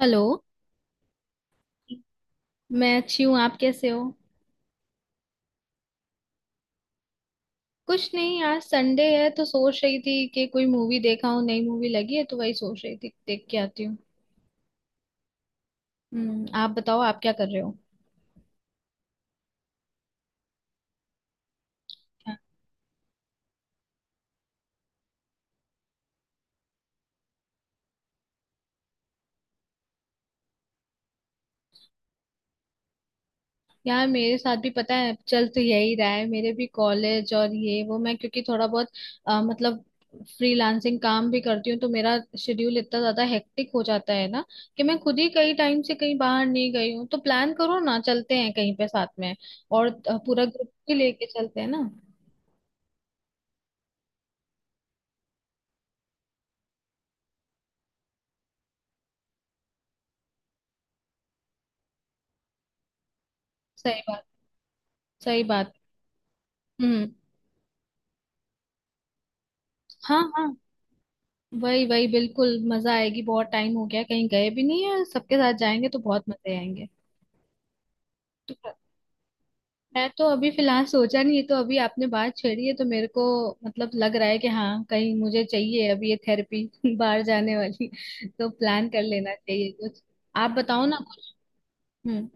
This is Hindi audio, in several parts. हेलो। मैं अच्छी हूँ, आप कैसे हो? कुछ नहीं, आज संडे है तो सोच रही थी कि कोई मूवी देखा हूँ, नई मूवी लगी है तो वही सोच रही थी, देख के आती हूँ। हम्म, आप बताओ, आप क्या कर रहे हो? यार मेरे साथ भी पता है चल तो यही रहा है, मेरे भी कॉलेज और ये वो, मैं क्योंकि थोड़ा बहुत मतलब फ्रीलांसिंग काम भी करती हूँ तो मेरा शेड्यूल इतना ज्यादा हेक्टिक हो जाता है ना कि मैं खुद ही कई टाइम से कहीं बाहर नहीं गई हूँ। तो प्लान करो ना, चलते हैं कहीं पे साथ में। और पूरा ग्रुप भी लेके चलते हैं ना। सही बात। सही बात। हम्म। हाँ हाँ। वही वही, बिल्कुल मजा आएगी, बहुत टाइम हो गया कहीं गए भी नहीं है, सबके साथ जाएंगे तो बहुत मजे आएंगे। तो मैं तो अभी फिलहाल सोचा नहीं है, तो अभी आपने बात छेड़ी है तो मेरे को मतलब लग रहा है कि हाँ, कहीं मुझे चाहिए अभी ये थेरेपी बाहर जाने वाली। तो प्लान कर लेना चाहिए कुछ। आप बताओ ना कुछ। हम्म।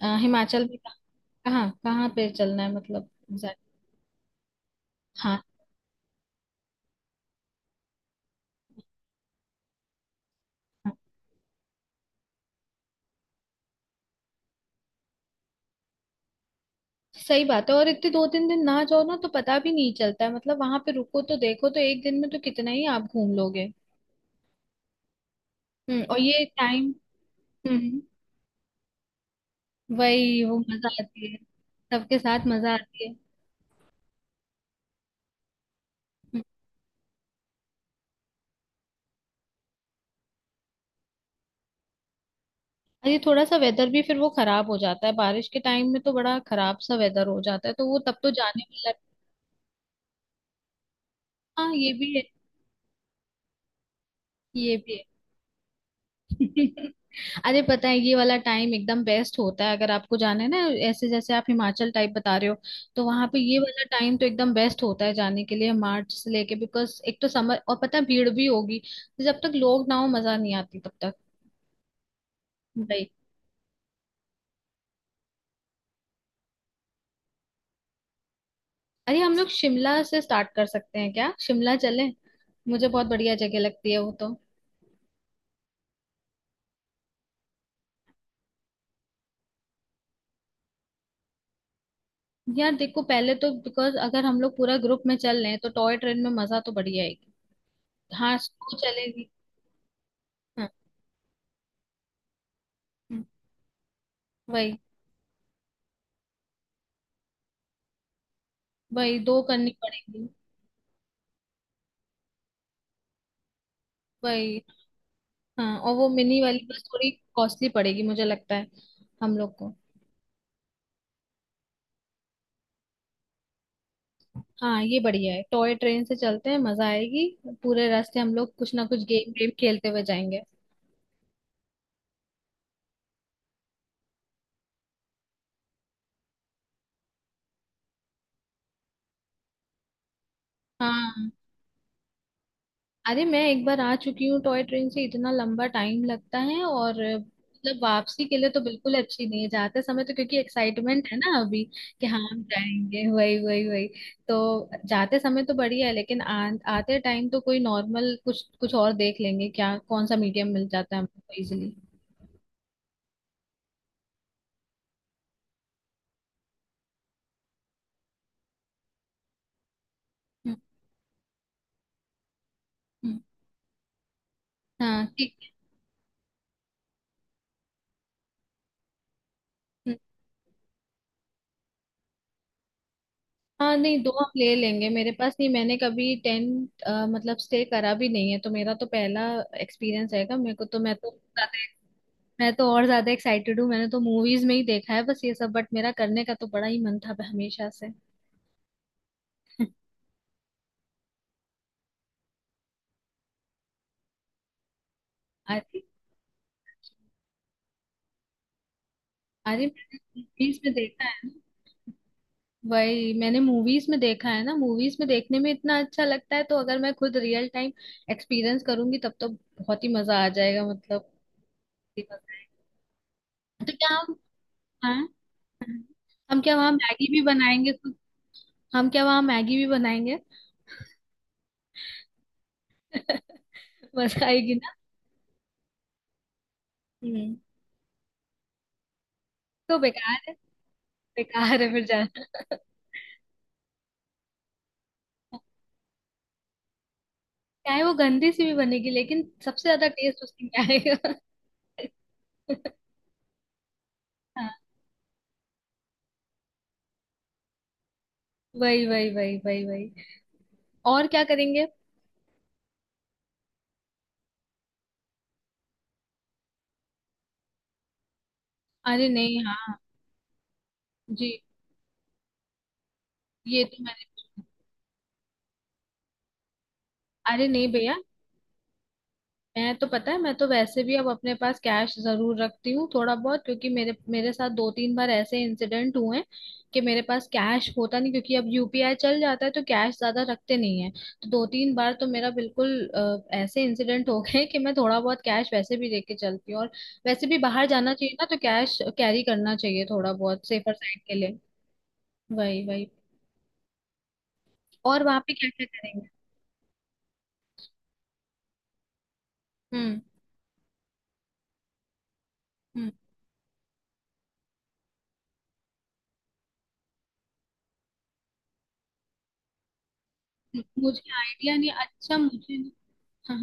हिमाचल में कहाँ? कहाँ कहाँ पे चलना है मतलब exact? हाँ। सही बात है, और इतने दो तीन दिन ना जाओ ना तो पता भी नहीं चलता है, मतलब वहां पे रुको तो देखो तो एक दिन में तो कितना ही आप घूम लोगे। हम्म, और ये टाइम। हम्म। वही वो मजा आती है। सबके साथ मजा आती है। हम्म। अरे थोड़ा सा वेदर भी फिर वो खराब हो जाता है बारिश के टाइम में, तो बड़ा खराब सा वेदर हो जाता है तो वो तब तो जाने वाला। हाँ ये भी है। ये भी है। अरे पता है ये वाला टाइम एकदम बेस्ट होता है अगर आपको जाना है ना। ऐसे जैसे आप हिमाचल टाइप बता रहे हो, तो वहां पे ये वाला टाइम तो एकदम बेस्ट होता है जाने के लिए, मार्च से लेके, बिकॉज एक तो समर, और पता है भीड़ भी होगी। तो जब तक लोग ना हो मजा नहीं आती तब तक। भाई। अरे हम लोग शिमला से स्टार्ट कर सकते हैं क्या, शिमला चलें? मुझे बहुत बढ़िया जगह लगती है वो तो। यार देखो पहले तो बिकॉज अगर हम लोग पूरा ग्रुप में चल रहे हैं तो टॉय ट्रेन में मजा तो बढ़िया आएगी। हाँ स्लो चलेगी। हाँ। हम्म। वही। दो करनी पड़ेगी। वही। हाँ, और वो मिनी वाली बस थोड़ी कॉस्टली पड़ेगी मुझे लगता है, हम लोग को। हाँ ये बढ़िया है, टॉय ट्रेन से चलते हैं, मजा आएगी। पूरे रास्ते हम लोग कुछ ना कुछ गेम वेम खेलते हुए जाएंगे। हाँ। अरे मैं एक बार आ चुकी हूँ टॉय ट्रेन से, इतना लंबा टाइम लगता है। और मतलब वापसी के लिए तो बिल्कुल अच्छी नहीं है, जाते समय तो क्योंकि एक्साइटमेंट है ना अभी कि हाँ हम जाएंगे, वही वही वही। तो जाते समय तो बढ़िया है, लेकिन आते टाइम तो कोई नॉर्मल कुछ कुछ और देख लेंगे, क्या कौन सा मीडियम मिल जाता है हमको इजिली। हम्म। हम्म। हाँ ठीक है। हम्म। हाँ नहीं, दो हम ले लेंगे, मेरे पास नहीं। मैंने कभी टेंट मतलब स्टे करा भी नहीं है, तो मेरा तो पहला एक्सपीरियंस रहेगा। मेरे को तो मैं तो, मैं तो और ज्यादा एक्साइटेड हूँ, मैंने तो मूवीज में ही देखा है बस ये सब, बट मेरा करने का तो बड़ा ही मन था हमेशा से। अरे। अरे। मैंने मूवीज में देखा है ना। वही मैंने मूवीज में देखा है ना, मूवीज में देखने में इतना अच्छा लगता है तो अगर मैं खुद रियल टाइम एक्सपीरियंस करूंगी तब तो बहुत ही मजा आ जाएगा मतलब। बहुत ही मजा आएगा। तो क्या हम, हाँ, हाँ, हम क्या वहाँ मैगी भी बनाएंगे खुद? हम क्या वहाँ मैगी भी बनाएंगे? मजा आएगी ना। हम्म। तो बेकार है। बेकार है फिर जाना। चाहे वो गंदी सी भी बनेगी लेकिन सबसे ज्यादा टेस्ट उसकी में आएगा। हाँ। वही वही वही वही वही। और क्या करेंगे? अरे नहीं। हाँ जी, ये तो मैंने। अरे नहीं भैया, मैं तो, पता है, मैं तो वैसे भी अब अपने पास कैश जरूर रखती हूँ थोड़ा बहुत, क्योंकि मेरे मेरे साथ दो तीन बार ऐसे इंसिडेंट हुए हैं कि मेरे पास कैश होता नहीं, क्योंकि अब यूपीआई चल जाता है तो कैश ज्यादा रखते नहीं है, तो दो तीन बार तो मेरा बिल्कुल ऐसे इंसिडेंट हो गए कि मैं थोड़ा बहुत कैश वैसे भी लेके चलती हूँ, और वैसे भी बाहर जाना चाहिए ना तो कैश कैरी करना चाहिए थोड़ा बहुत सेफर साइड के लिए। वही वही। और वहां पे क्या क्या करेंगे? हम्म। हम्म। मुझे आइडिया नहीं, अच्छा मुझे, हाँ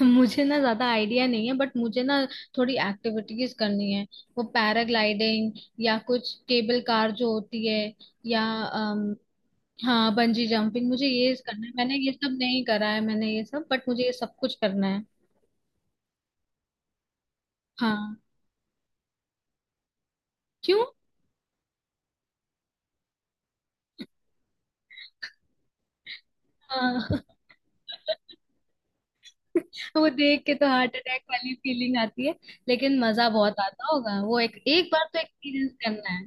हाँ। मुझे ना ज्यादा आइडिया नहीं है, बट मुझे ना थोड़ी एक्टिविटीज करनी है, वो पैराग्लाइडिंग, या कुछ केबल कार जो होती है, या हाँ बंजी जंपिंग, मुझे ये करना है, मैंने ये सब नहीं करा है, मैंने ये सब, बट मुझे ये सब कुछ करना है। हाँ। क्यों? हाँ। वो देख के तो हार्ट अटैक वाली फीलिंग आती है। लेकिन मजा बहुत आता होगा वो, एक एक बार तो एक्सपीरियंस करना है।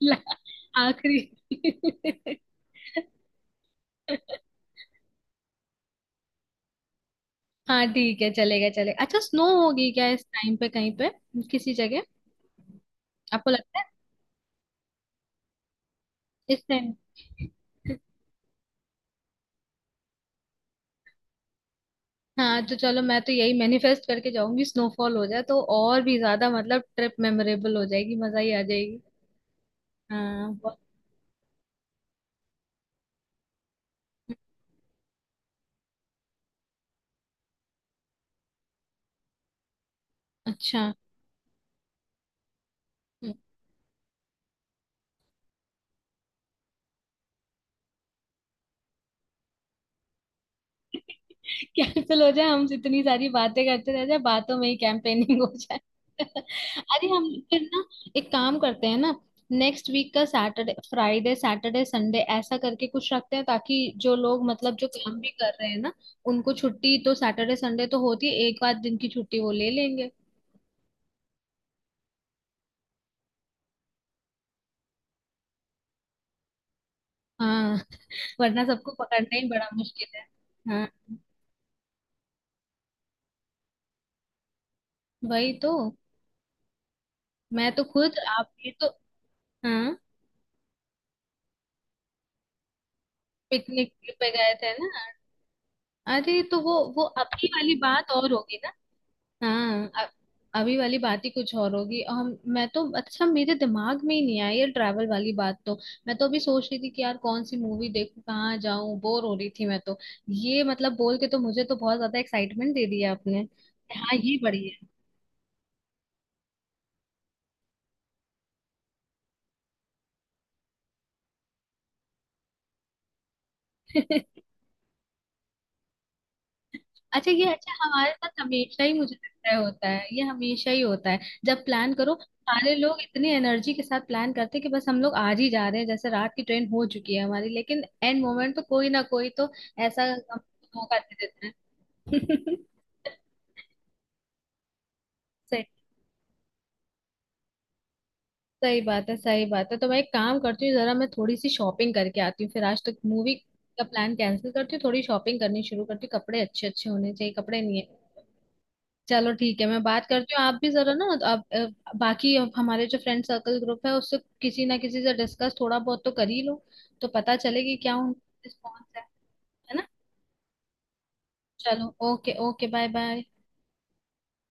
आखिरी। हाँ ठीक है, चलेगा चलेगा। अच्छा स्नो होगी क्या इस टाइम पे कहीं पे, किसी जगह, आपको लगता है? इस टाइम। हाँ तो चलो मैं तो यही मैनिफेस्ट करके जाऊंगी स्नोफॉल हो जाए तो और भी ज्यादा मतलब ट्रिप मेमोरेबल हो जाएगी, मजा ही आ जाएगी। हाँ बहुत। अच्छा। कैंसिल हो जाए, हम इतनी सारी बातें करते रह जाए, बातों में ही कैंपेनिंग हो जाए। अरे हम फिर ना एक काम करते हैं ना, नेक्स्ट वीक का सैटरडे, फ्राइडे सैटरडे संडे ऐसा करके कुछ रखते हैं ताकि जो लोग मतलब जो काम भी कर रहे हैं ना, उनको छुट्टी तो सैटरडे संडे तो होती है, एक आध दिन की छुट्टी वो ले लेंगे। हाँ। वरना सबको पकड़ना ही बड़ा मुश्किल है। हाँ वही तो। मैं तो खुद, आप ये तो, हाँ पिकनिक पे गए थे ना। अरे तो वो अभी वाली बात और होगी ना। हाँ अभी वाली बात ही कुछ और होगी। और हम, मैं तो, अच्छा मेरे दिमाग में ही नहीं आई ये ट्रैवल वाली बात तो, मैं तो अभी सोच रही थी कि यार कौन सी मूवी देखूं, कहाँ जाऊं, बोर हो रही थी मैं तो। ये मतलब बोल के तो मुझे तो बहुत ज्यादा एक्साइटमेंट दे दिया आपने। हाँ ये बढ़िया। अच्छा ये, अच्छा हमारे साथ हमेशा ही, मुझे लगता है होता है ये हमेशा ही होता है। जब प्लान करो सारे लोग इतनी एनर्जी के साथ प्लान करते हैं कि बस हम लोग आज ही जा रहे हैं, जैसे रात की ट्रेन हो चुकी है हमारी, लेकिन एंड मोमेंट तो कोई ना कोई तो ऐसा हम- मौका दे देता है। सही। सही बात है, सही बात है। तो मैं एक काम करती हूँ, जरा मैं थोड़ी सी शॉपिंग करके आती हूँ, फिर आज तक मूवी का प्लान कैंसिल करती हूँ, थोड़ी शॉपिंग करनी शुरू करती हूँ, कपड़े अच्छे अच्छे होने चाहिए, कपड़े नहीं है। चलो ठीक है, मैं बात करती हूँ, आप भी जरा ना, आप बाकी अब हमारे जो फ्रेंड सर्कल ग्रुप है उससे किसी ना किसी से डिस्कस थोड़ा बहुत तो कर ही लो, तो पता चले कि क्या उनका रिस्पॉन्स है ना। चलो ओके, ओके, बाय बाय।